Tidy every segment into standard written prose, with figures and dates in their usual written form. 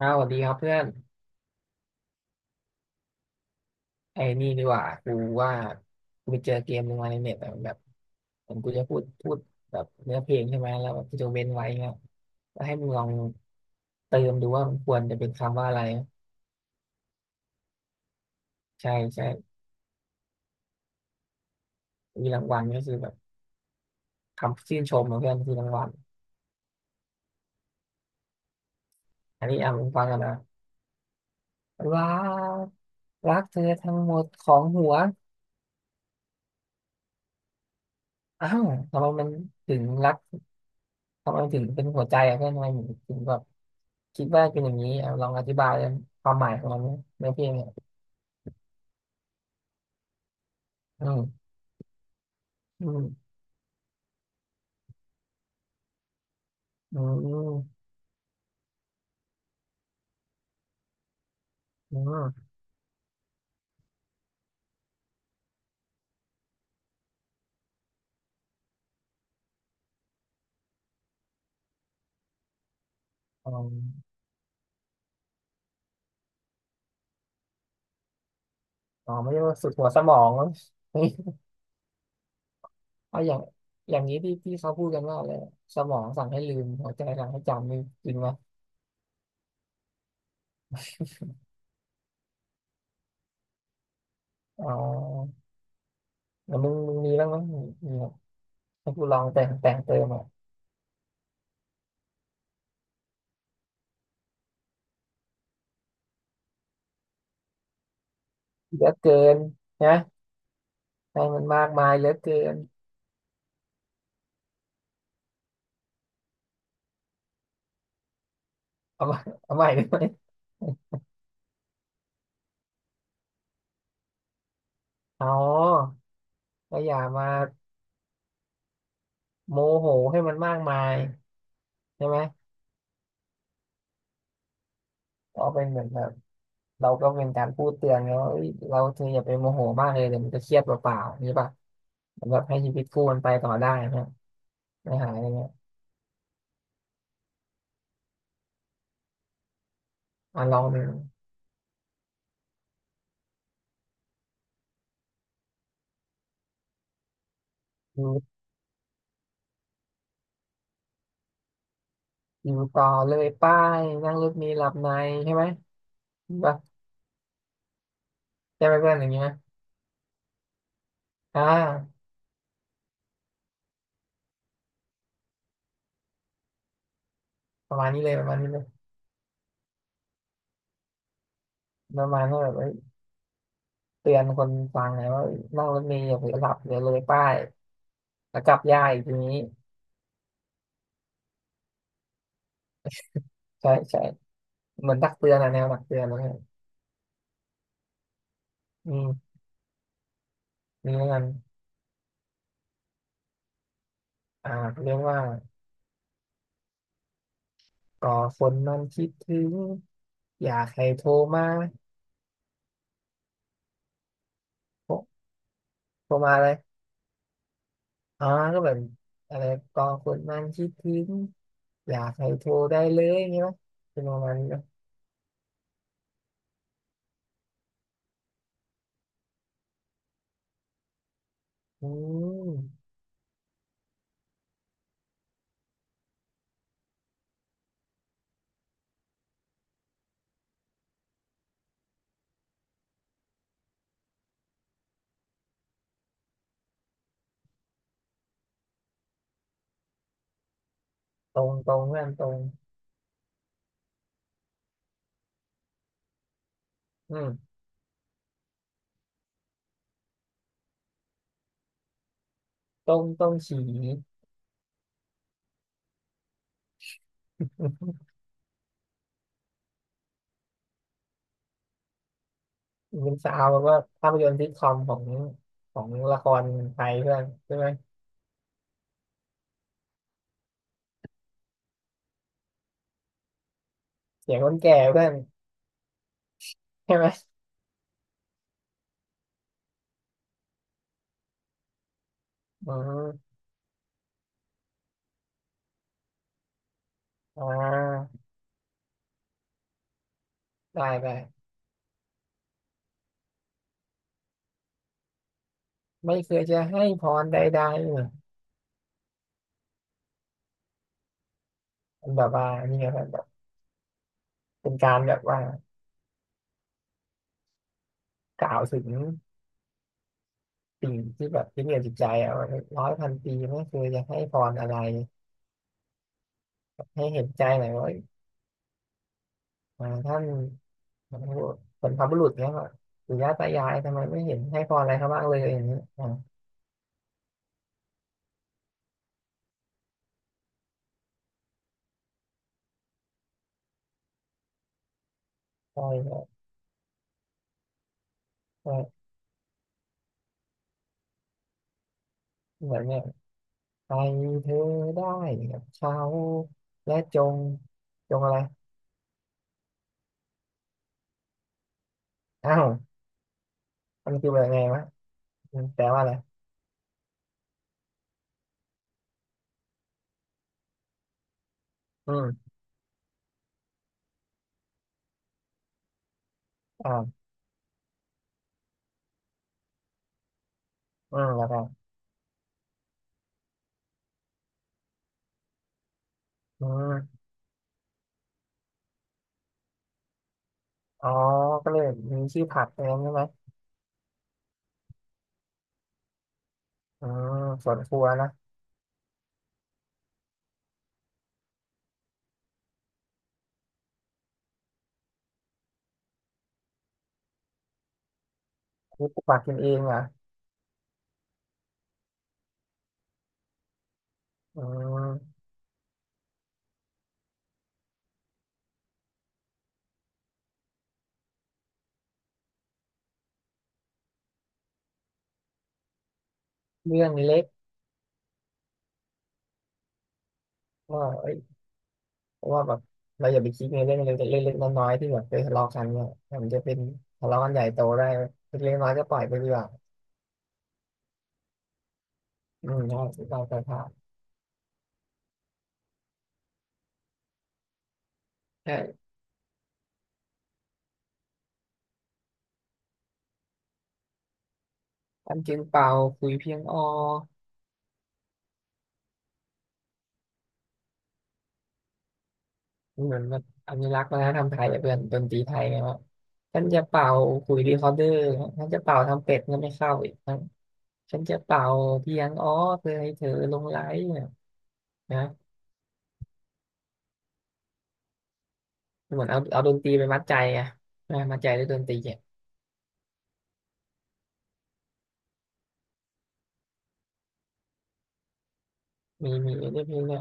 อ้าวสวัสดีครับเพื่อนไอ้นี่ดีกว่ากูว่ากูไปเจอเกมหนึ่งมาในเน็ตอะแบบเหมือนกูจะพูดแบบเนื้อเพลงใช่ไหมแล้วแบบกูจะเว้นไว้เงี้ยแล้วให้มึงลองเติมดูว่ามันควรจะเป็นคำว่าอะไรใช่ใช่มีรางวัลก็คือแบบคำชื่นชมของเพื่อนคือรางวัลอันนี้อ่ะมึงฟังกันนะรักรักเธอทั้งหมดของหัวอ้าวทำไมมันถึงรัก ทำไมถึงเป็นหัวใจอะเพื่อนทำไมถึงแบบคิดว่าเป็นอย่างนี้อ่ะลองอธิบายความหมายของมันในเพลงเนี่ยอืมอืมอืมอืมอมอ๋ออ๋อไม่ได้ว่าสุดหัวสมองมั้ง เอาอย่างอย่างนี้ที่ที่เขาพูดกันว่าอะไรสมองสั่งให้ลืมหัวใจสั่งให้จำนี่จริงไหมอ๋อแล้วมึงมีบ้างไหมมีมีแบบให้กูลองแต่งเติมอ่ะเหลือเกินนะให้มันมากมายเหลือเกินเอามาเอาใหม่ได้ไหมอ๋อก็อย่ามา โมโหให้มันมากมายใช่ไหมก็เป็นเหมือนแบบเราก็เป็นการพูดเตือนเขาว่าเอ้ยเราเธออย่าไปโมโหมากเลยเดี๋ยวมันจะเครียดเปล่าๆนี่ป่ะเหมือนแบบให้ชีวิตคู่มันไปต่อได้นะไม่หายอะไรเงี้ยอ่ะลองดูอยู่อยู่ต่อเลยป้ายนั่งรถมีหลับในใช่ไหมนี่ป่ะใช่ไหมเพื่อนอย่างนี้ไหมอ่าประมาณนี้เลยประมาณนี้เลยประมาณว่าแบบเอ้ยเตือนคนฟังไงว่าเอ้ยนั่งรถเมล์อย่าเผลอหลับเดี๋ยวเลยป้ายแล้วกลับยากอีกทีนี้ใช่ใช่เหมือนตักเตือนอะแนวตักเตือนอะไรเงี้ยอืม นี่แล้กันอ่าเรียกว่าก่อคนมันคิดถึงอยากให้โทรมาโทรโทรมาเลยอ๋อก็แบบอะไรก่อคนมันคิดถึงอยากให้โทรได้เลยอย่างงี้ไหมเป็นประมาณนี้ไหมอืมตรงเพื่อนตรงอืมตรงตรงฉี เป็นสาวแบบว่าภาพยนตร์ซิทคอมของของละครไทยเพื่อนใช่ไหมเสียงคนแก่เพื่อนใช่ไหมอืมอ่าได้ได้ ไม่เคยจะให้พรใดๆเนี่ยมันแบบว่านี่ไงแบบเป็นการแบบว่ากล่าวถึงสิ่งที่แบบที่เหนือจิตใจอะว่าร้อยพันปีไม่เคยจะให้พรอะไร ให้เห็นใจหน่อยว่าเอ้ยอ่าท่านเป็นพระบุรุษเนี่ยว่าปู่ย่าตายายทำไมไม่เห็นให้พรอะไรเขาบ้างเลยอย่างนี้อ่าใช่ครับใช่เหมือนเนี่ยไปเธอได้กับเขาและจงอะไรอ้าวมันคือแบบไงวะอืมแปลว่าอะไรอืมอ่าอืมแล้วก็ อืมอ๋อก็เลยมีชื่อผักเองใช่ไหมอืมสวนครัวนะนี่ปลูกผักกินเองเหรอ่ะอืมเรื่องเล็กก็เอ้ยเพราะว่าแบบเราอย่าไปคิดในเรื่องเล็กๆเล็กๆน้อยๆที่แบบเคยทะเลาะกันเนี่ยมันจะเป็นทะเลาะกันใหญ่โตได้เล็กๆน้อยๆก็ปล่อยไปดีกว่าอืมใช่เราไปผ่านใช่อันจึงเป่าคุยเพียงอ้อเหมือนแบบอนุรักษ์วัฒนธรรมไทยอะเพื่อนดนตรีไทยไงวาท่านจะเป่าคุยรีคอร์เดอร์ท่านจะเป่าทำเป็ดก็ไม่เข้าอีก ฉันจะเป่าเพียงอ๋อเพื่อให้เธอหลงไหลเนี่ยนะเหมือนเอาดนตรีไปมัดใจอะนะมัดใจด้วยดนตรีอะมีมีด้วยเพลงเนี่ย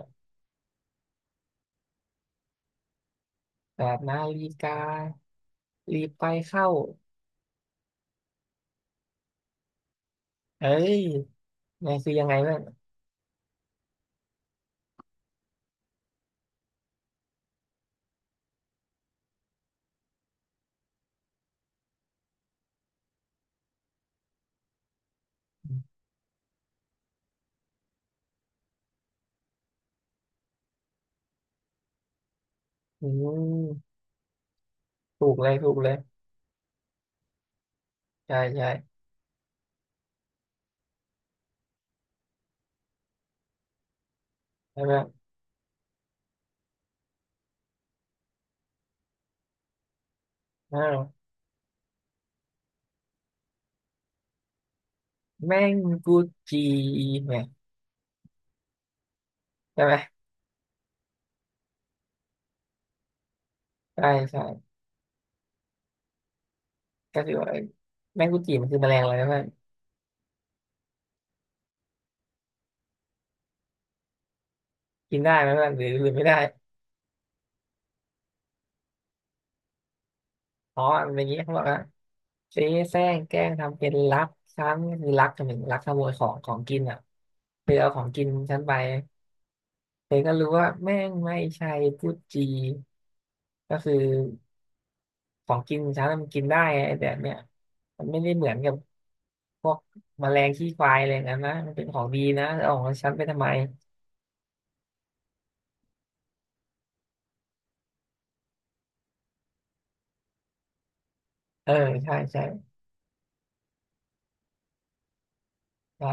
แบบนาฬิการีบไปเข้าเอ้ยนี่คือยังไงบ้างอืมถูกเลยถูกเลยใช่ใช่แล้วแบบอ้าวแมงกุจีเนี่ยใช่ไหมใช่ใช่ก็คือว่าแมงกุจีมันคือแมลงอะไรนะเพื่อนกินได้ไหมเพื่อนหรือไม่ได้อ๋อมันเป็นอย่างนี้เขาบอกว่า เจ๊แซงแกล้งทำเป็นรักช้าคือรักจนถึงรักขโมยของกินอ่ะเธอเอาของกินฉันไปเธอก็รู้ว่าแม่งไม่ใช่พูดจีก็คือของกินฉันน่ะมันกินได้ไงไอ้แต่เนี่ยมันไม่ได้เหมือนกับพวกแมลงขี้ควายอะไรอย่างนั้นนะมันเป็นของดีนะเอาของฉันไปทำไมเออใช่ใช่ใช่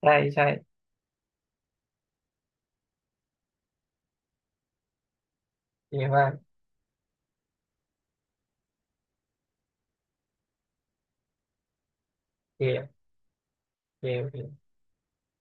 ใช่ใช่เจ๊ว่ากเจ๊เจ๊